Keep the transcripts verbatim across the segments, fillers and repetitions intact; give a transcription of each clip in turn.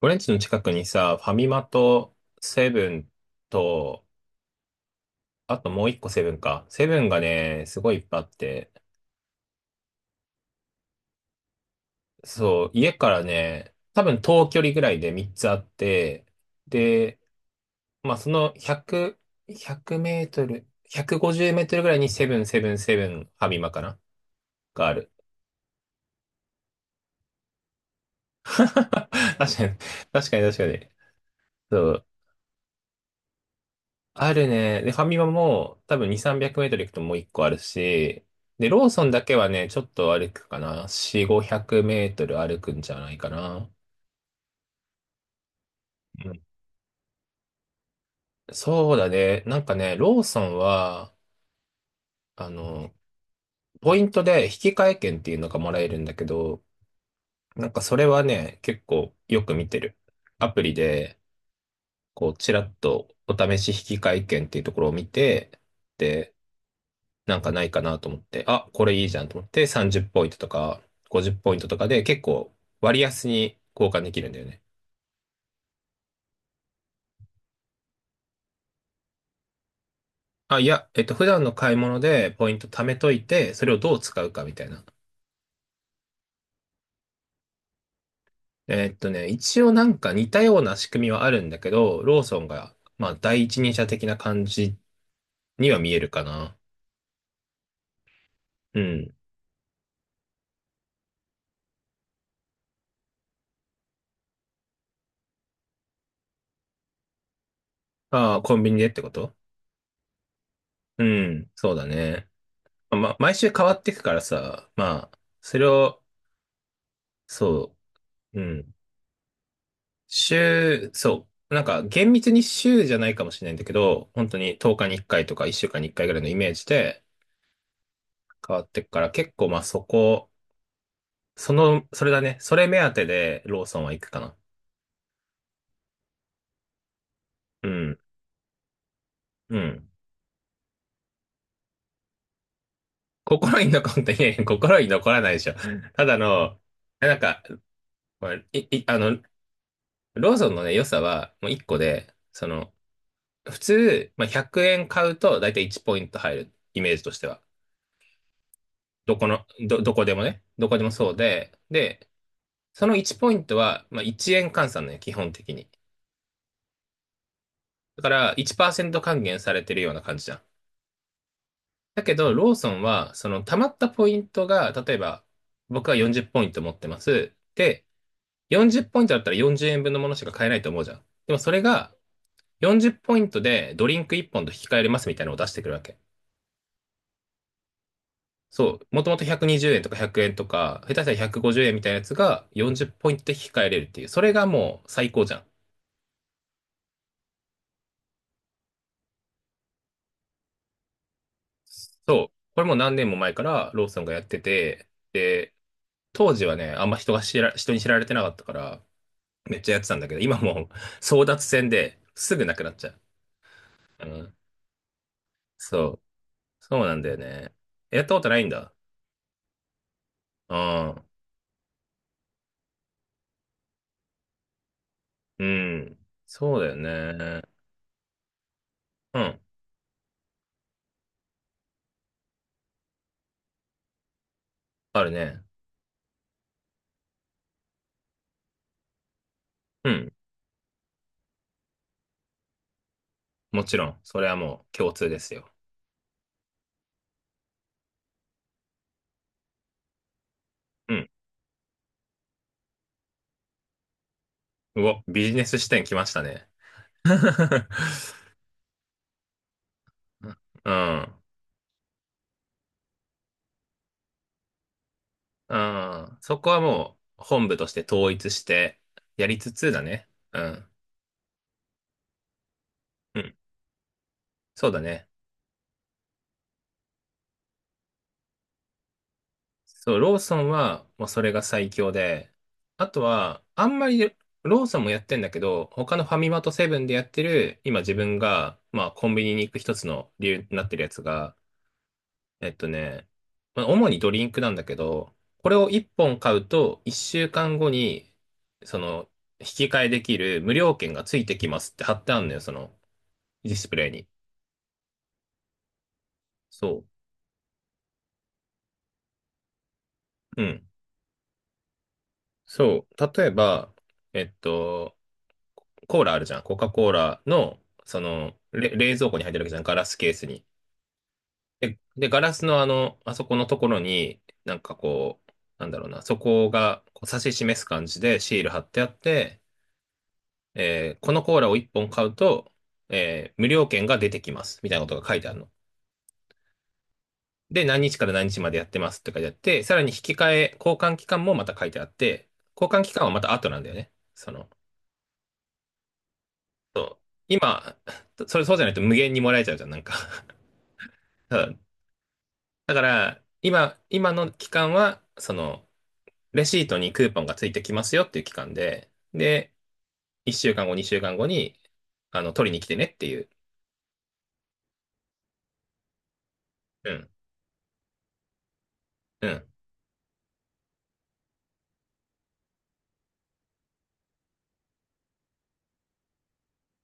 俺んちの近くにさ、ファミマとセブンと、あともう一個セブンか。セブンがね、すごいいっぱいあって、そう、家からね、多分遠距離ぐらいでみっつあって、で、まあそのひゃく、ひゃくメートル、ひゃくごじゅうメートルぐらいにセブン、セブン、セブン、ファミマかながある。確かに、確かに確かに。そうあるね。で、ファミマも多分に、さんびゃくメートル行くともういっこあるし、で、ローソンだけはね、ちょっと歩くかな。よん、ごひゃくメートル歩くんじゃないかな。うんそうだね。なんかね、ローソンは、あの、ポイントで引き換え券っていうのがもらえるんだけど、なんかそれはね、結構よく見てる。アプリで、こう、ちらっとお試し引き換え券っていうところを見て、でなんかないかなと思って、あ、これいいじゃんと思って、さんじゅうポイントとかごじゅうポイントとかで結構割安に交換できるんだよね。あ、いや、えっと、普段の買い物でポイント貯めといて、それをどう使うかみたいな。えっとね、一応なんか似たような仕組みはあるんだけど、ローソンが、まあ、第一人者的な感じには見えるかな。うん。ああ、コンビニでってこと？うん、そうだね。まあ、毎週変わっていくからさ、まあ、それを、そう、うん。週、そう。なんか厳密に週じゃないかもしれないんだけど、本当にとおかにいっかいとかいっしゅうかんにいっかいぐらいのイメージで変わってくから、結構まあそこ、その、それだね。それ目当てでローソンは行くかな。うん。うん。心に残って、いやいや心に残らないでしょ。ただの、なんか、まあい、い、あの、ローソンのね、良さはもういっこで、その、普通、まあ、ひゃくえん買うとだいたいいちポイント入る、イメージとしては。どこの、ど、どこでもね、どこでもそうで、で、そのいちポイントは、まあ、いちえん換算ね、基本的に。だからいちパーセント還元されてるような感じじゃん。だけど、ローソンは、その溜まったポイントが、例えば、僕はよんじゅうポイント持ってます。で、よんじゅうポイントだったらよんじゅうえんぶんのものしか買えないと思うじゃん。でもそれが、よんじゅうポイントでドリンクいっぽんと引き換えれますみたいなのを出してくるわけ。そう。もともとひゃくにじゅうえんとかひゃくえんとか、下手したらひゃくごじゅうえんみたいなやつがよんじゅうポイントで引き換えれるっていう。それがもう最高じゃん。そう。これもう何年も前からローソンがやってて、で、当時はね、あんま人が知ら、人に知られてなかったから、めっちゃやってたんだけど、今もう 争奪戦ですぐなくなっちゃう。うん。そう。そうなんだよね。やったことないんだ。ああ、うん。そうだよね。うん。あるね。うん。もちろん。それはもう共通ですよ。うん。うお、ビジネス視点来ましたね。うん。うん。そこはもう本部として統一してやりつつだね。うん。うん。そうだね。そう、ローソンはもうそれが最強で、あとは、あんまりローソンもやってんだけど、他のファミマとセブンでやってる、今自分が、まあコンビニに行く一つの理由になってるやつが、えっとね、まあ、主にドリンクなんだけど、これをいっぽん買うといっしゅうかんごに、その、引き換えできる無料券がついてきますって貼ってあるのよ、そのディスプレイに。そう。うん。そう。例えば、えっと、コーラあるじゃん。コカ・コーラの、その、れ冷蔵庫に入ってるわけじゃん。ガラスケースに。で、で、ガラスのあの、あそこのところに、なんかこう、なんだろうな、そこがこう指し示す感じでシール貼ってあって、えーこのコーラをいっぽん買うと、えー無料券が出てきます。みたいなことが書いてあるの。で、何日から何日までやってますって書いてあって、さらに引き換え、交換期間もまた書いてあって、交換期間はまた後なんだよね。その、そう今、それそうじゃないと無限にもらえちゃうじゃん、なんか。 そうだから、今、今の期間は、その、レシートにクーポンがついてきますよっていう期間で、で、いっしゅうかんご、にしゅうかんごに、あの、取りに来てねっていう。うん、うん。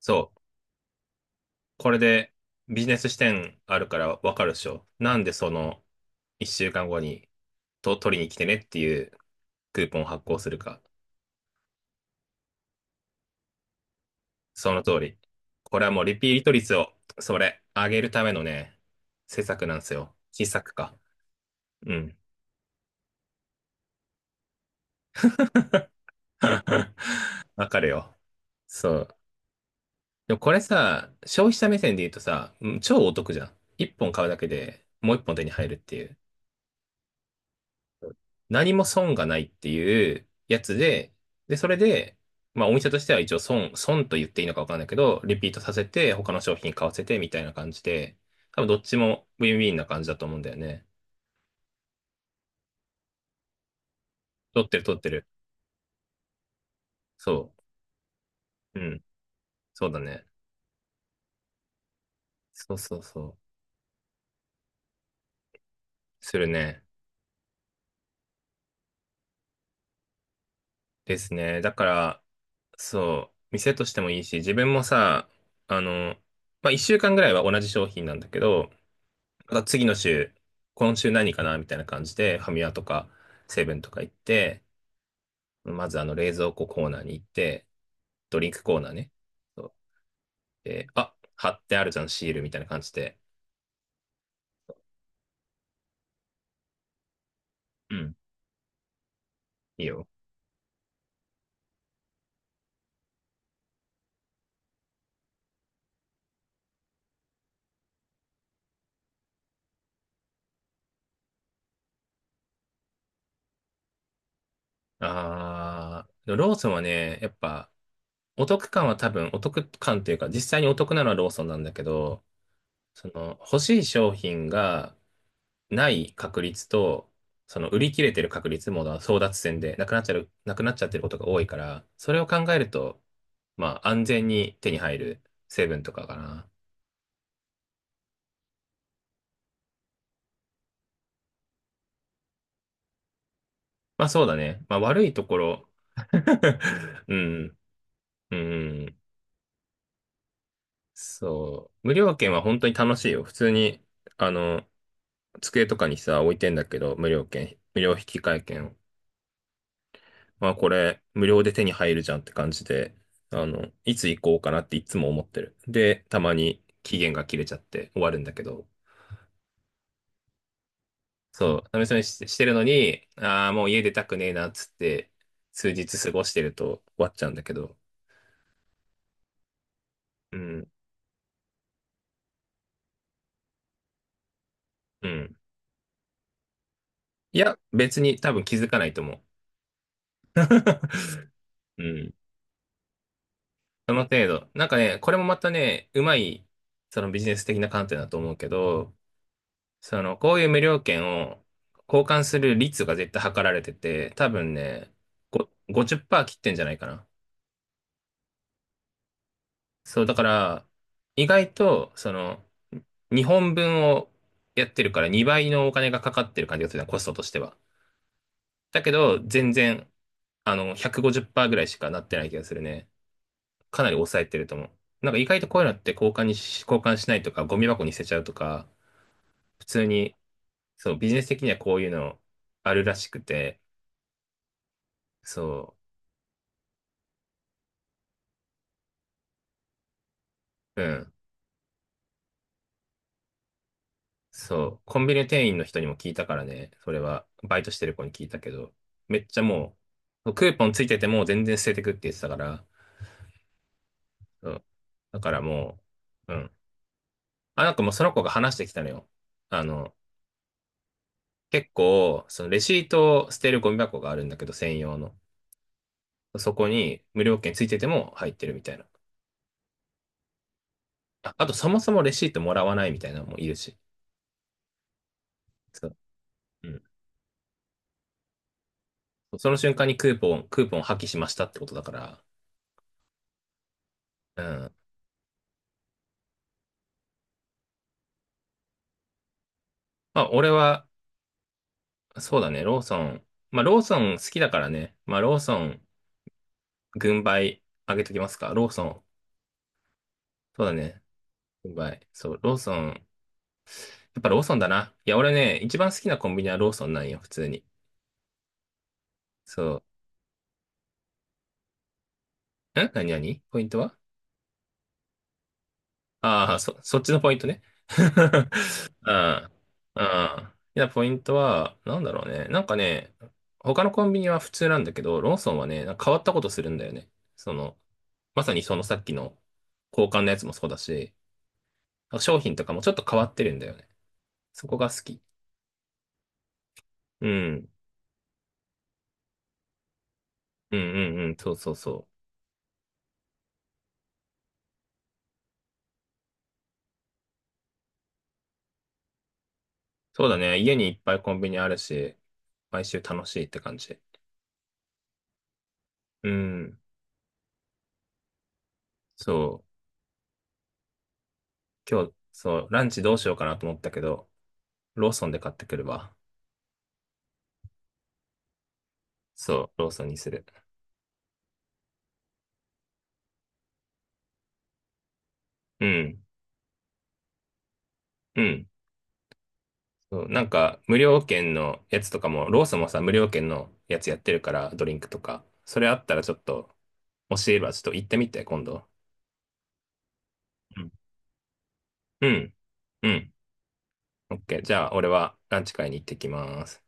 そう。これで、ビジネス視点あるからわかるでしょ。なんでその、いっしゅうかんごに、と、取りに来てねっていうクーポンを発行するか。その通り。これはもうリピート率を、それ、上げるためのね、施策なんですよ。施策か。うん。わかるよ。そう。でもこれさ、消費者目線で言うとさ、うん超お得じゃん。一本買うだけでもう一本手に入るっていう。何も損がないっていうやつで、で、それで、まあお店としては一応損、損と言っていいのかわかんないけど、リピートさせて、他の商品買わせてみたいな感じで、多分どっちもウィンウィンな感じだと思うんだよね。取ってる取ってる。そう。うん。そうだね。そうそうそう。するね。ですね。だから、そう、店としてもいいし、自分もさ、あの、まあ、一週間ぐらいは同じ商品なんだけど、また次の週、今週何かなみたいな感じで、ファミマとか、セブンとか行って、まずあの、冷蔵庫コーナーに行って、ドリンクコーナーね。そうで、あ、貼ってあるじゃん、シールみたいな感じで。うん。いいよ。あー、でもローソンはね、やっぱ、お得感は多分、お得感というか、実際にお得なのはローソンなんだけど、その、欲しい商品がない確率と、その、売り切れてる確率も争奪戦で、なくなっちゃう、なくなっちゃってることが多いから、それを考えると、まあ、安全に手に入るセブンとかかな。まあ、そうだね。まあ、悪いところ。うん、うん、そう。無料券は本当に楽しいよ。普通に、あの、机とかにさ、置いてんだけど、無料券、無料引換券を。まあこれ無料で手に入るじゃんって感じで、あの、いつ行こうかなっていつも思ってる。で、たまに期限が切れちゃって終わるんだけど、そう、試しにししてるのに、ああ、もう家出たくねえなっつって、数日過ごしてると終わっちゃうんだけど、うん、うん。いや、別に多分気づかないと思う。うん。その程度。なんかね、これもまたね、うまい、そのビジネス的な観点だと思うけど、その、こういう無料券を交換する率が絶対測られてて、多分ね、ごごじゅうパーセント切ってんじゃないかな。そう、だから、意外と、その、にほんぶんをやってるからにばいのお金がかかってる感じがするな、コストとしては。だけど、全然、あの、ひゃくごじゅうパーセントぐらいしかなってない気がするね。かなり抑えてると思う。なんか意外とこういうのって交換にし、交換しないとか、ゴミ箱に捨てちゃうとか、普通に、そう、ビジネス的にはこういうのあるらしくて、そう。うん。そう。コンビニ店員の人にも聞いたからね。それは、バイトしてる子に聞いたけど、めっちゃもう、クーポンついてても全然捨ててくって言ってたから、うん。だからもう、うん。あ、なんかもうその子が話してきたのよ。あの、結構、そのレシートを捨てるゴミ箱があるんだけど、専用の。そこに無料券ついてても入ってるみたいな。あ、あとそもそもレシートもらわないみたいなのもいるし。そう。うん。その瞬間にクーポン、クーポン破棄しましたってことだから、うん。まあ、俺は、そうだね、ローソン。まあ、ローソン好きだからね。まあ、ローソン、軍配あげときますか。ローソン。そうだね。軍配。そう、ローソン。やっぱローソンだな。いや、俺ね、一番好きなコンビニはローソンなんよ、普通に。そう。ん何何ポイントは？ああー、そ、そっちのポイントね。ああ、いや、ポイントは、なんだろうね。なんかね、他のコンビニは普通なんだけど、ローソンはね、なんか変わったことするんだよね。その、まさにそのさっきの交換のやつもそうだし、商品とかもちょっと変わってるんだよね。そこが好き。うん。うんうんうん。そうそうそう。そうだね。家にいっぱいコンビニあるし、毎週楽しいって感じ。うん。そう。今日、そう、ランチどうしようかなと思ったけど、ローソンで買ってくるわ。そう、ローソンにする。うん。うん。そう、なんか、無料券のやつとかも、ローソンもさ、無料券のやつやってるから、ドリンクとか。それあったらちょっと、教えればちょっと行ってみて、今度。うん。うん。うん オーケー。じゃあ、俺はランチ会に行ってきます。